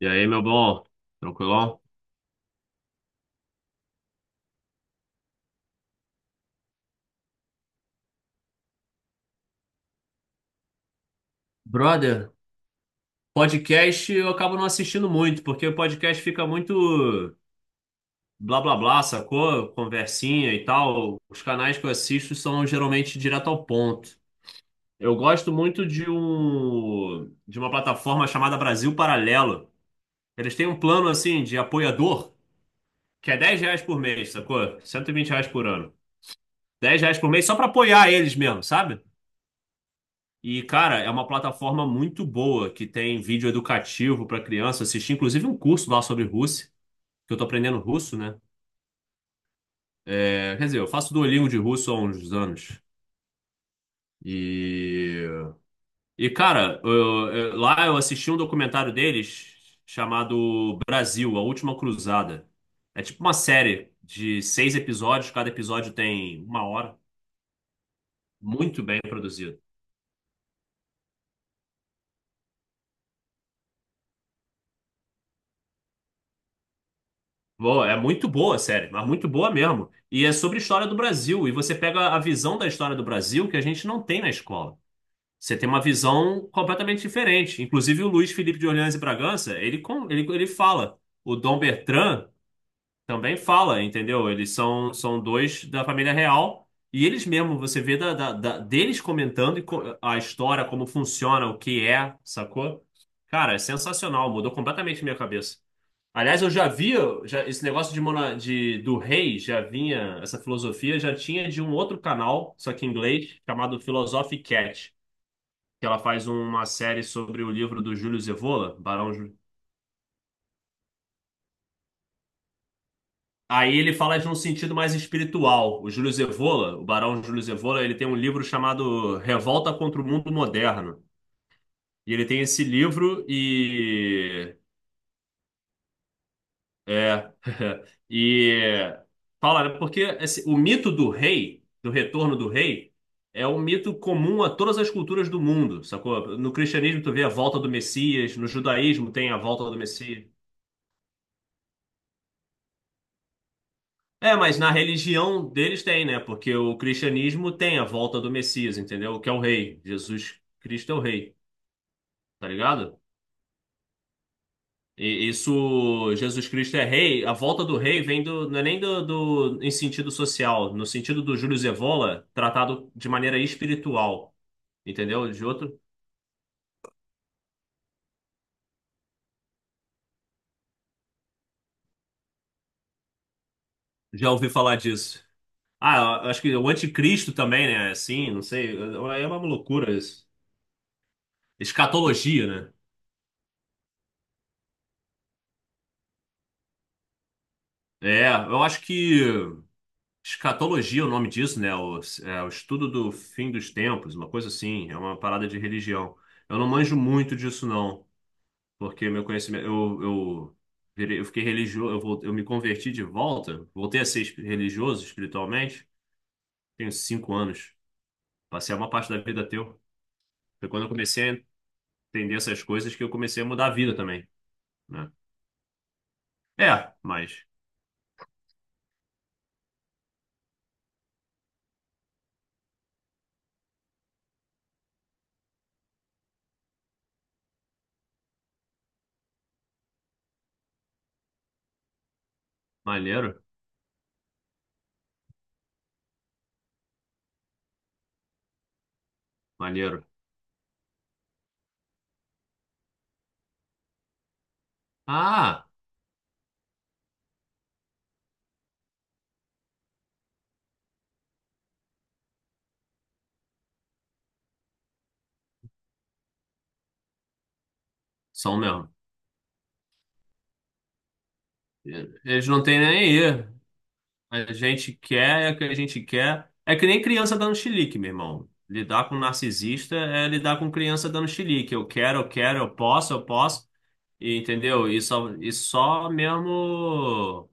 E aí, meu bom? Tranquilão? Brother, podcast eu acabo não assistindo muito, porque o podcast fica muito blá blá blá, sacou? Conversinha e tal. Os canais que eu assisto são geralmente direto ao ponto. Eu gosto muito de uma plataforma chamada Brasil Paralelo. Eles têm um plano assim de apoiador, que é R$ 10 por mês, sacou? R$ 120 por ano. R$ 10 por mês só pra apoiar eles mesmo, sabe? E, cara, é uma plataforma muito boa que tem vídeo educativo para criança assistir, inclusive um curso lá sobre russo, que eu tô aprendendo russo, né? É, quer dizer, eu faço Duolingo de russo há uns anos. E, e, cara, lá eu assisti um documentário deles chamado Brasil, A Última Cruzada. É tipo uma série de 6 episódios, cada episódio tem uma hora, muito bem produzido. Boa, é muito boa a série, mas muito boa mesmo. E é sobre a história do Brasil. E você pega a visão da história do Brasil que a gente não tem na escola. Você tem uma visão completamente diferente. Inclusive, o Luiz Felipe de Orleans e Bragança, ele fala. O Dom Bertrand também fala, entendeu? Eles são dois da família real. E eles mesmo, você vê deles comentando e a história, como funciona, o que é, sacou? Cara, é sensacional, mudou completamente minha cabeça. Aliás, eu já vi já, esse negócio de do rei, já vinha, essa filosofia já tinha de um outro canal, só que em inglês, chamado Philosophy Cat, que ela faz uma série sobre o livro do Júlio Evola, Barão Júlio. Aí ele fala de um sentido mais espiritual. O Júlio Evola, o Barão Júlio Evola, ele tem um livro chamado Revolta contra o Mundo Moderno. E ele tem esse livro, e é. E fala, né, porque o mito do rei, do retorno do rei, é um mito comum a todas as culturas do mundo, sacou? No cristianismo tu vê a volta do Messias, no judaísmo tem a volta do Messias. É, mas na religião deles tem, né? Porque o cristianismo tem a volta do Messias, entendeu? Que é o rei. Jesus Cristo é o rei, tá ligado? E isso, Jesus Cristo é rei, a volta do rei vem do, não é nem do em sentido social, no sentido do Júlio Evola, tratado de maneira espiritual, entendeu? De outro, já ouvi falar disso. Ah, eu acho que o anticristo também, né? Assim, não sei, é uma loucura isso. Escatologia, né? É, eu acho que escatologia é o nome disso, né? O estudo do fim dos tempos, uma coisa assim, é uma parada de religião. Eu não manjo muito disso, não, porque meu conhecimento, eu fiquei religioso, eu me converti de volta, voltei a ser religioso espiritualmente, tenho 5 anos. Passei uma parte da vida ateu. Foi quando eu comecei a entender essas coisas que eu comecei a mudar a vida também, né? É, mas maneiro, maneiro. Ah, são mesmo. Eles não têm nem aí. A gente quer é o que a gente quer. É que nem criança dando chilique, meu irmão. Lidar com um narcisista é lidar com criança dando chilique. Eu quero, eu quero, eu posso, eu posso. E, entendeu? E só mesmo,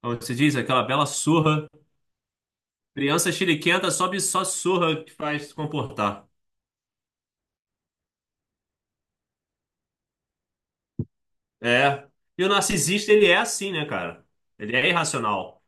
como se diz, aquela bela surra. Criança chiliquenta sobe só surra que faz se comportar. É. E o narcisista, ele é assim, né, cara? Ele é irracional.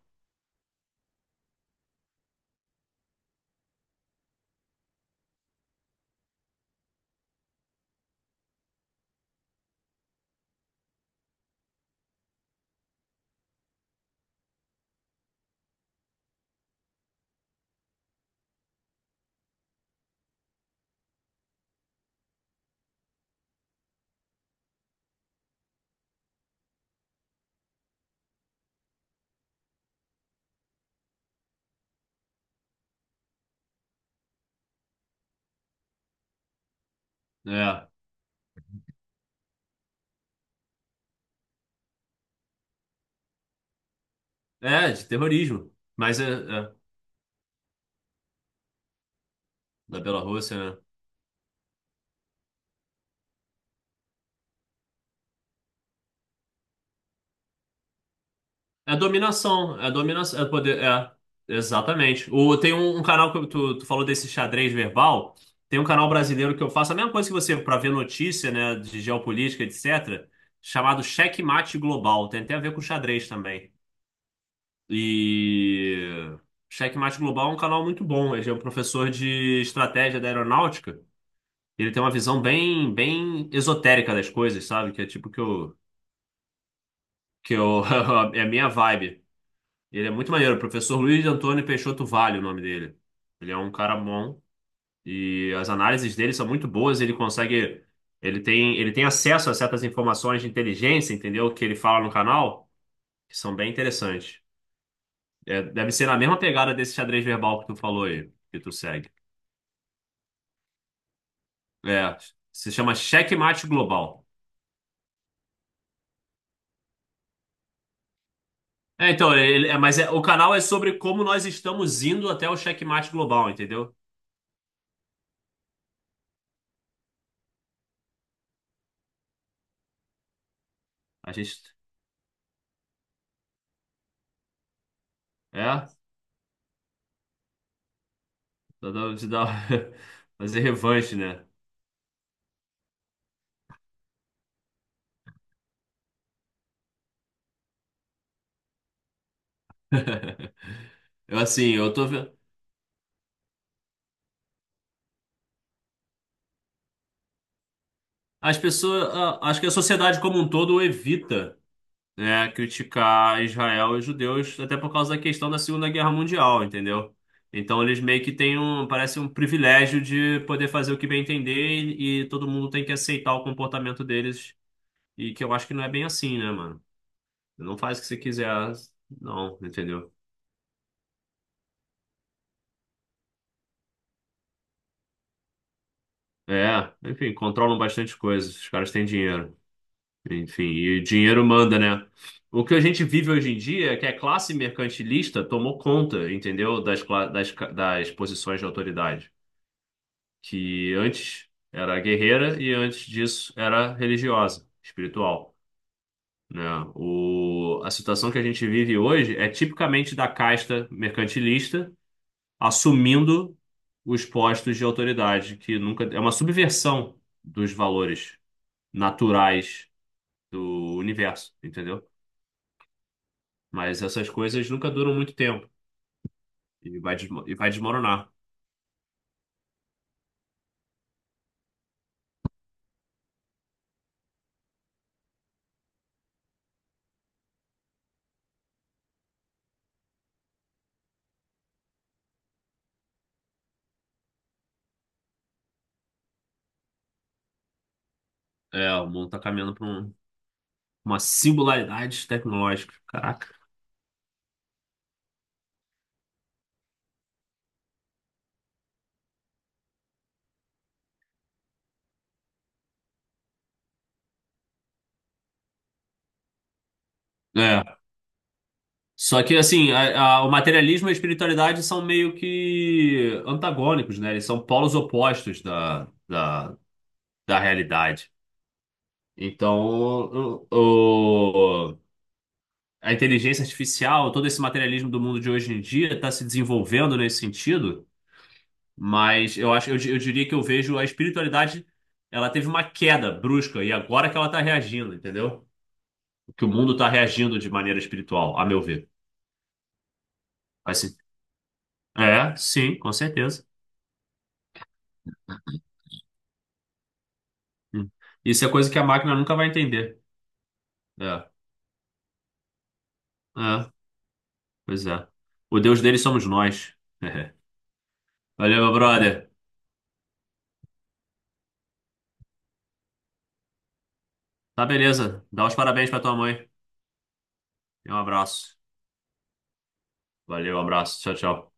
É. É, de terrorismo. Mas é da Bielorrússia. É dominação, é dominação, é poder, exatamente. Tem um, canal que tu falou desse xadrez verbal, tem um canal brasileiro que eu faço a mesma coisa que você para ver notícia, né, de geopolítica, etc., chamado Xeque-mate Global, tem até a ver com xadrez também. E Xeque-mate Global é um canal muito bom, ele é um professor de estratégia da aeronáutica, ele tem uma visão bem, bem esotérica das coisas, sabe? Que é tipo que eu, é a minha vibe. Ele é muito maneiro, o professor Luiz Antônio Peixoto Vale, é o nome dele. Ele é um cara bom e as análises dele são muito boas, ele consegue, ele tem acesso a certas informações de inteligência, entendeu? Que ele fala no canal, que são bem interessantes. É, deve ser na mesma pegada desse xadrez verbal que tu falou aí, que tu segue. É, se chama Checkmate Global. É, então, ele, é, mas é, o canal é sobre como nós estamos indo até o checkmate global, entendeu? A gente, é, dá- dá- dá- fazer revanche, né? Eu tô vendo. Acho que a sociedade como um todo evita, né, criticar Israel e os judeus, até por causa da questão da Segunda Guerra Mundial, entendeu? Então eles meio que têm um, parece um privilégio de poder fazer o que bem entender e, todo mundo tem que aceitar o comportamento deles, e que eu acho que não é bem assim, né, mano? Não faz o que você quiser, não, entendeu? É, enfim, controlam bastante coisas, os caras têm dinheiro. Enfim, e o dinheiro manda, né? O que a gente vive hoje em dia é que a classe mercantilista tomou conta, entendeu? Das, cla- das, ca- das posições de autoridade, que antes era guerreira e antes disso era religiosa, espiritual, né? A situação que a gente vive hoje é tipicamente da casta mercantilista assumindo os postos de autoridade, que nunca é uma subversão dos valores naturais do universo, entendeu? Mas essas coisas nunca duram muito tempo e vai desmoronar. É, o mundo tá caminhando para uma singularidade tecnológica. Caraca. É. Só que, assim, o materialismo e a espiritualidade são meio que antagônicos, né? Eles são polos opostos da realidade. Então, o, o- a inteligência artificial, todo esse materialismo do mundo de hoje em dia está se desenvolvendo nesse sentido. Mas eu acho, eu diria que eu vejo a espiritualidade, ela teve uma queda brusca e agora que ela está reagindo, entendeu? Que o mundo está reagindo de maneira espiritual, a meu ver. Assim, é, sim, com certeza. Hum. Isso é coisa que a máquina nunca vai entender. É, é, pois é. O Deus deles somos nós. Valeu, meu brother. Tá beleza. Dá os parabéns pra tua mãe. E um abraço. Valeu, um abraço. Tchau, tchau.